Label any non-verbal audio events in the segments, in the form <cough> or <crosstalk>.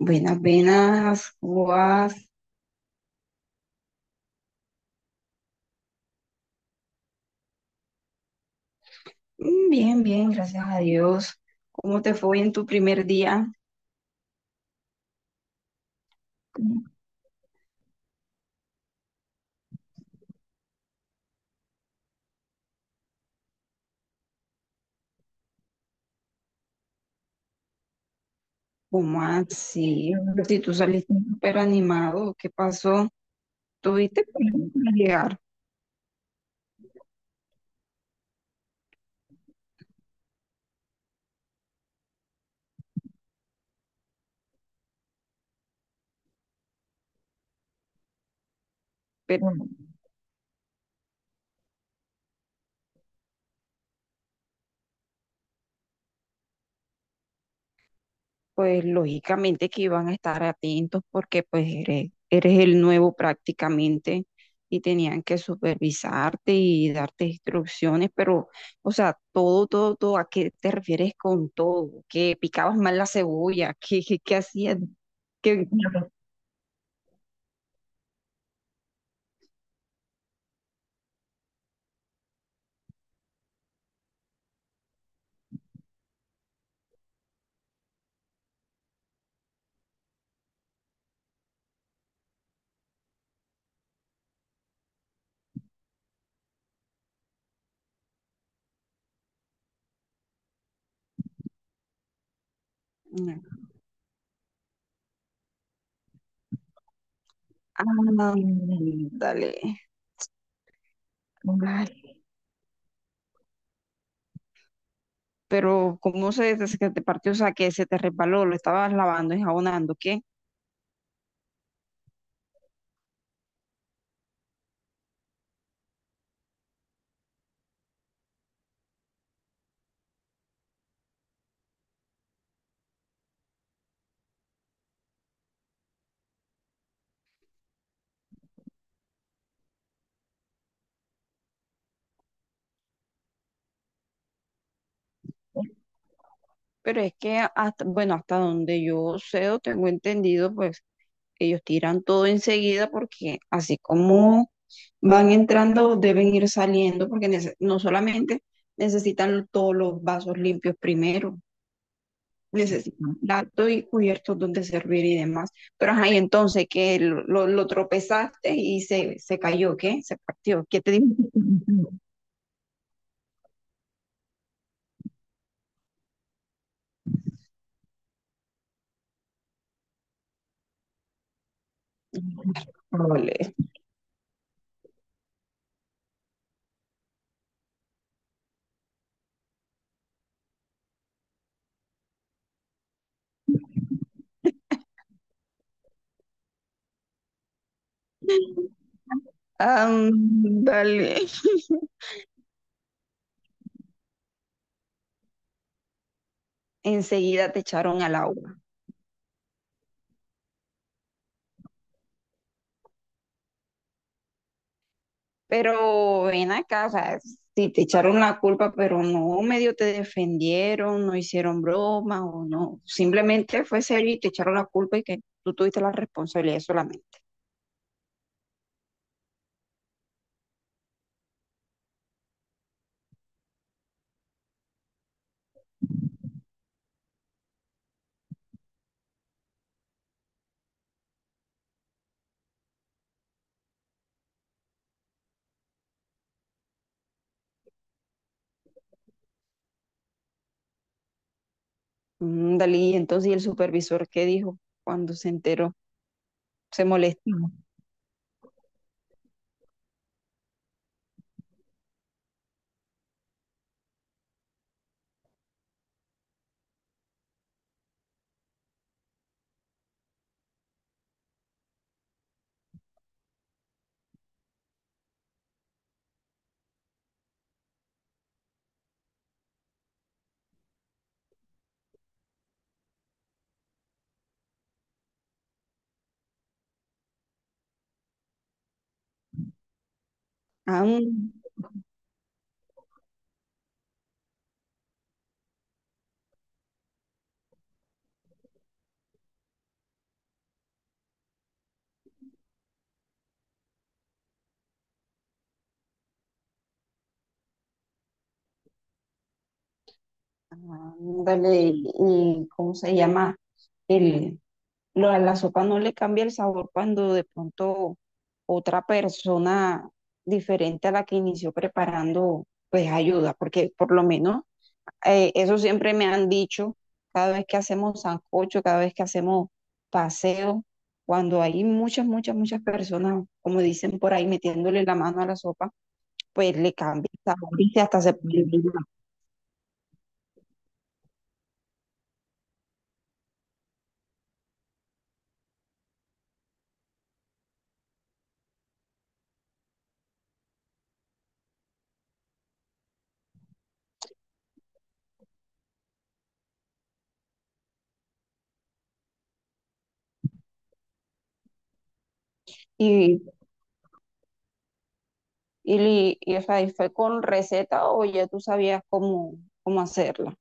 Buenas, buenas, ¿cómo vas? Bien, bien, gracias a Dios. ¿Cómo te fue en tu primer día? ¿Cómo así? Si tú saliste súper animado, ¿qué pasó? Tuviste problemas para llegar, pero no. Pues lógicamente que iban a estar atentos porque pues eres, eres el nuevo prácticamente y tenían que supervisarte y darte instrucciones, pero, o sea, todo, todo, todo, ¿a qué te refieres con todo? ¿Que picabas mal la cebolla? ¿Qué, qué, qué hacías? ¿Qué... dale, pero ¿cómo se, se te partió? O sea, que se te resbaló, lo estabas lavando, enjabonando, ¿qué? Pero es que hasta, bueno, hasta donde yo sé o tengo entendido, pues ellos tiran todo enseguida porque así como van entrando, deben ir saliendo porque no solamente necesitan todos los vasos limpios primero, necesitan platos y cubiertos donde servir y demás. Pero ajá, y entonces que lo tropezaste y se cayó, ¿qué? Se partió. ¿Qué te dijo? <laughs> Ole. Ándale. <laughs> Enseguida te echaron al agua. Pero ven acá, o sea, si te echaron la culpa, pero no medio te defendieron, no hicieron broma o no. Simplemente fue serio y te echaron la culpa y que tú tuviste la responsabilidad solamente. Ándale, y entonces ¿y el supervisor qué dijo cuando se enteró? Se molestó. Ándale, ¿y cómo se llama? El, a la sopa no le cambia el sabor cuando de pronto otra persona diferente a la que inició preparando, pues ayuda, porque por lo menos eso siempre me han dicho, cada vez que hacemos sancocho, cada vez que hacemos paseo, cuando hay muchas, muchas, muchas personas, como dicen por ahí, metiéndole la mano a la sopa, pues le cambia el sabor y hasta se puede brindar. Y, o sea, y fue con receta o ya tú sabías cómo, cómo hacerla.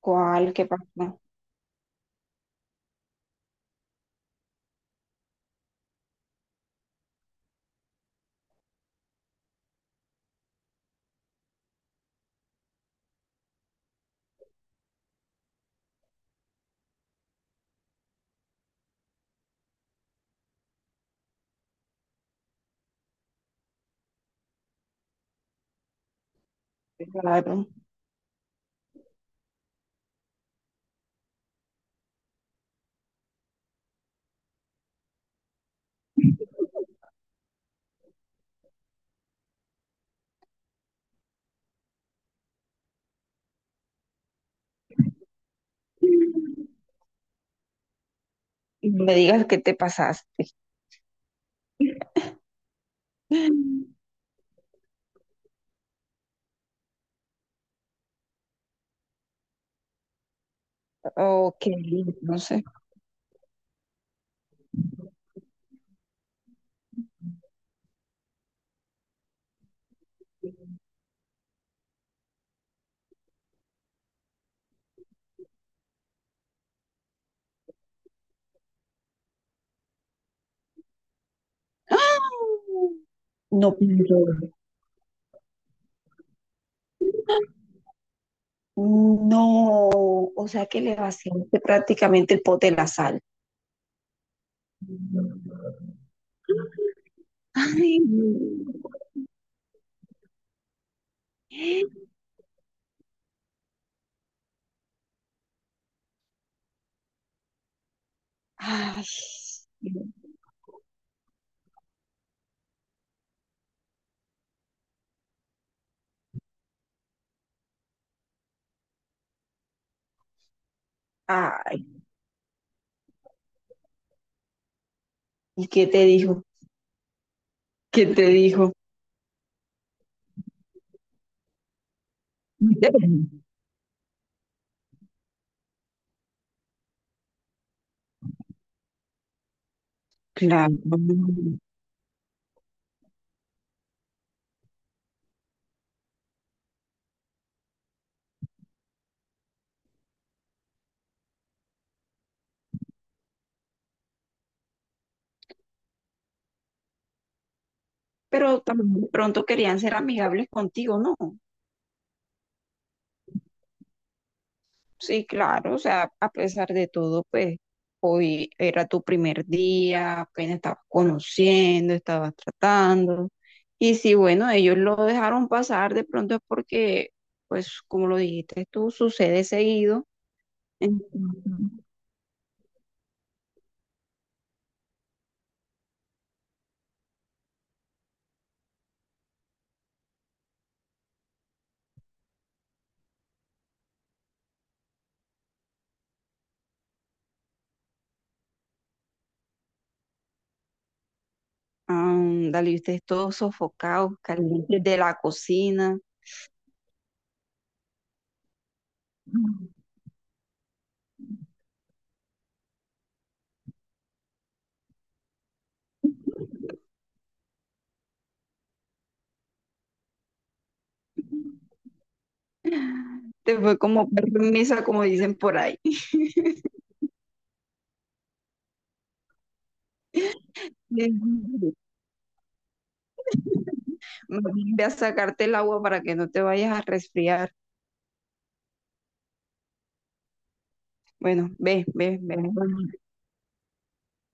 ¿Cuál? ¿Qué pasó? Claro. No me digas qué te pasaste. Ok, no sé. ¡Ah! No, pero no. O sea que le vaciaste prácticamente el pote de la sal. Ay, no. Ay, ay. ¿Y qué te dijo? ¿Qué te dijo? Claro. Pero también de pronto querían ser amigables contigo, ¿no? Sí, claro, o sea, a pesar de todo, pues hoy era tu primer día, apenas estabas conociendo, estabas tratando. Y si, bueno, ellos lo dejaron pasar, de pronto es porque, pues como lo dijiste tú, sucede seguido. Entonces, ándale, y ustedes todos sofocados, calientes de la cocina. Te fue como permisa, como dicen por ahí. <laughs> Más bien ve a sacarte el agua para que no te vayas a resfriar. Bueno, ve, ve, ve. Bueno,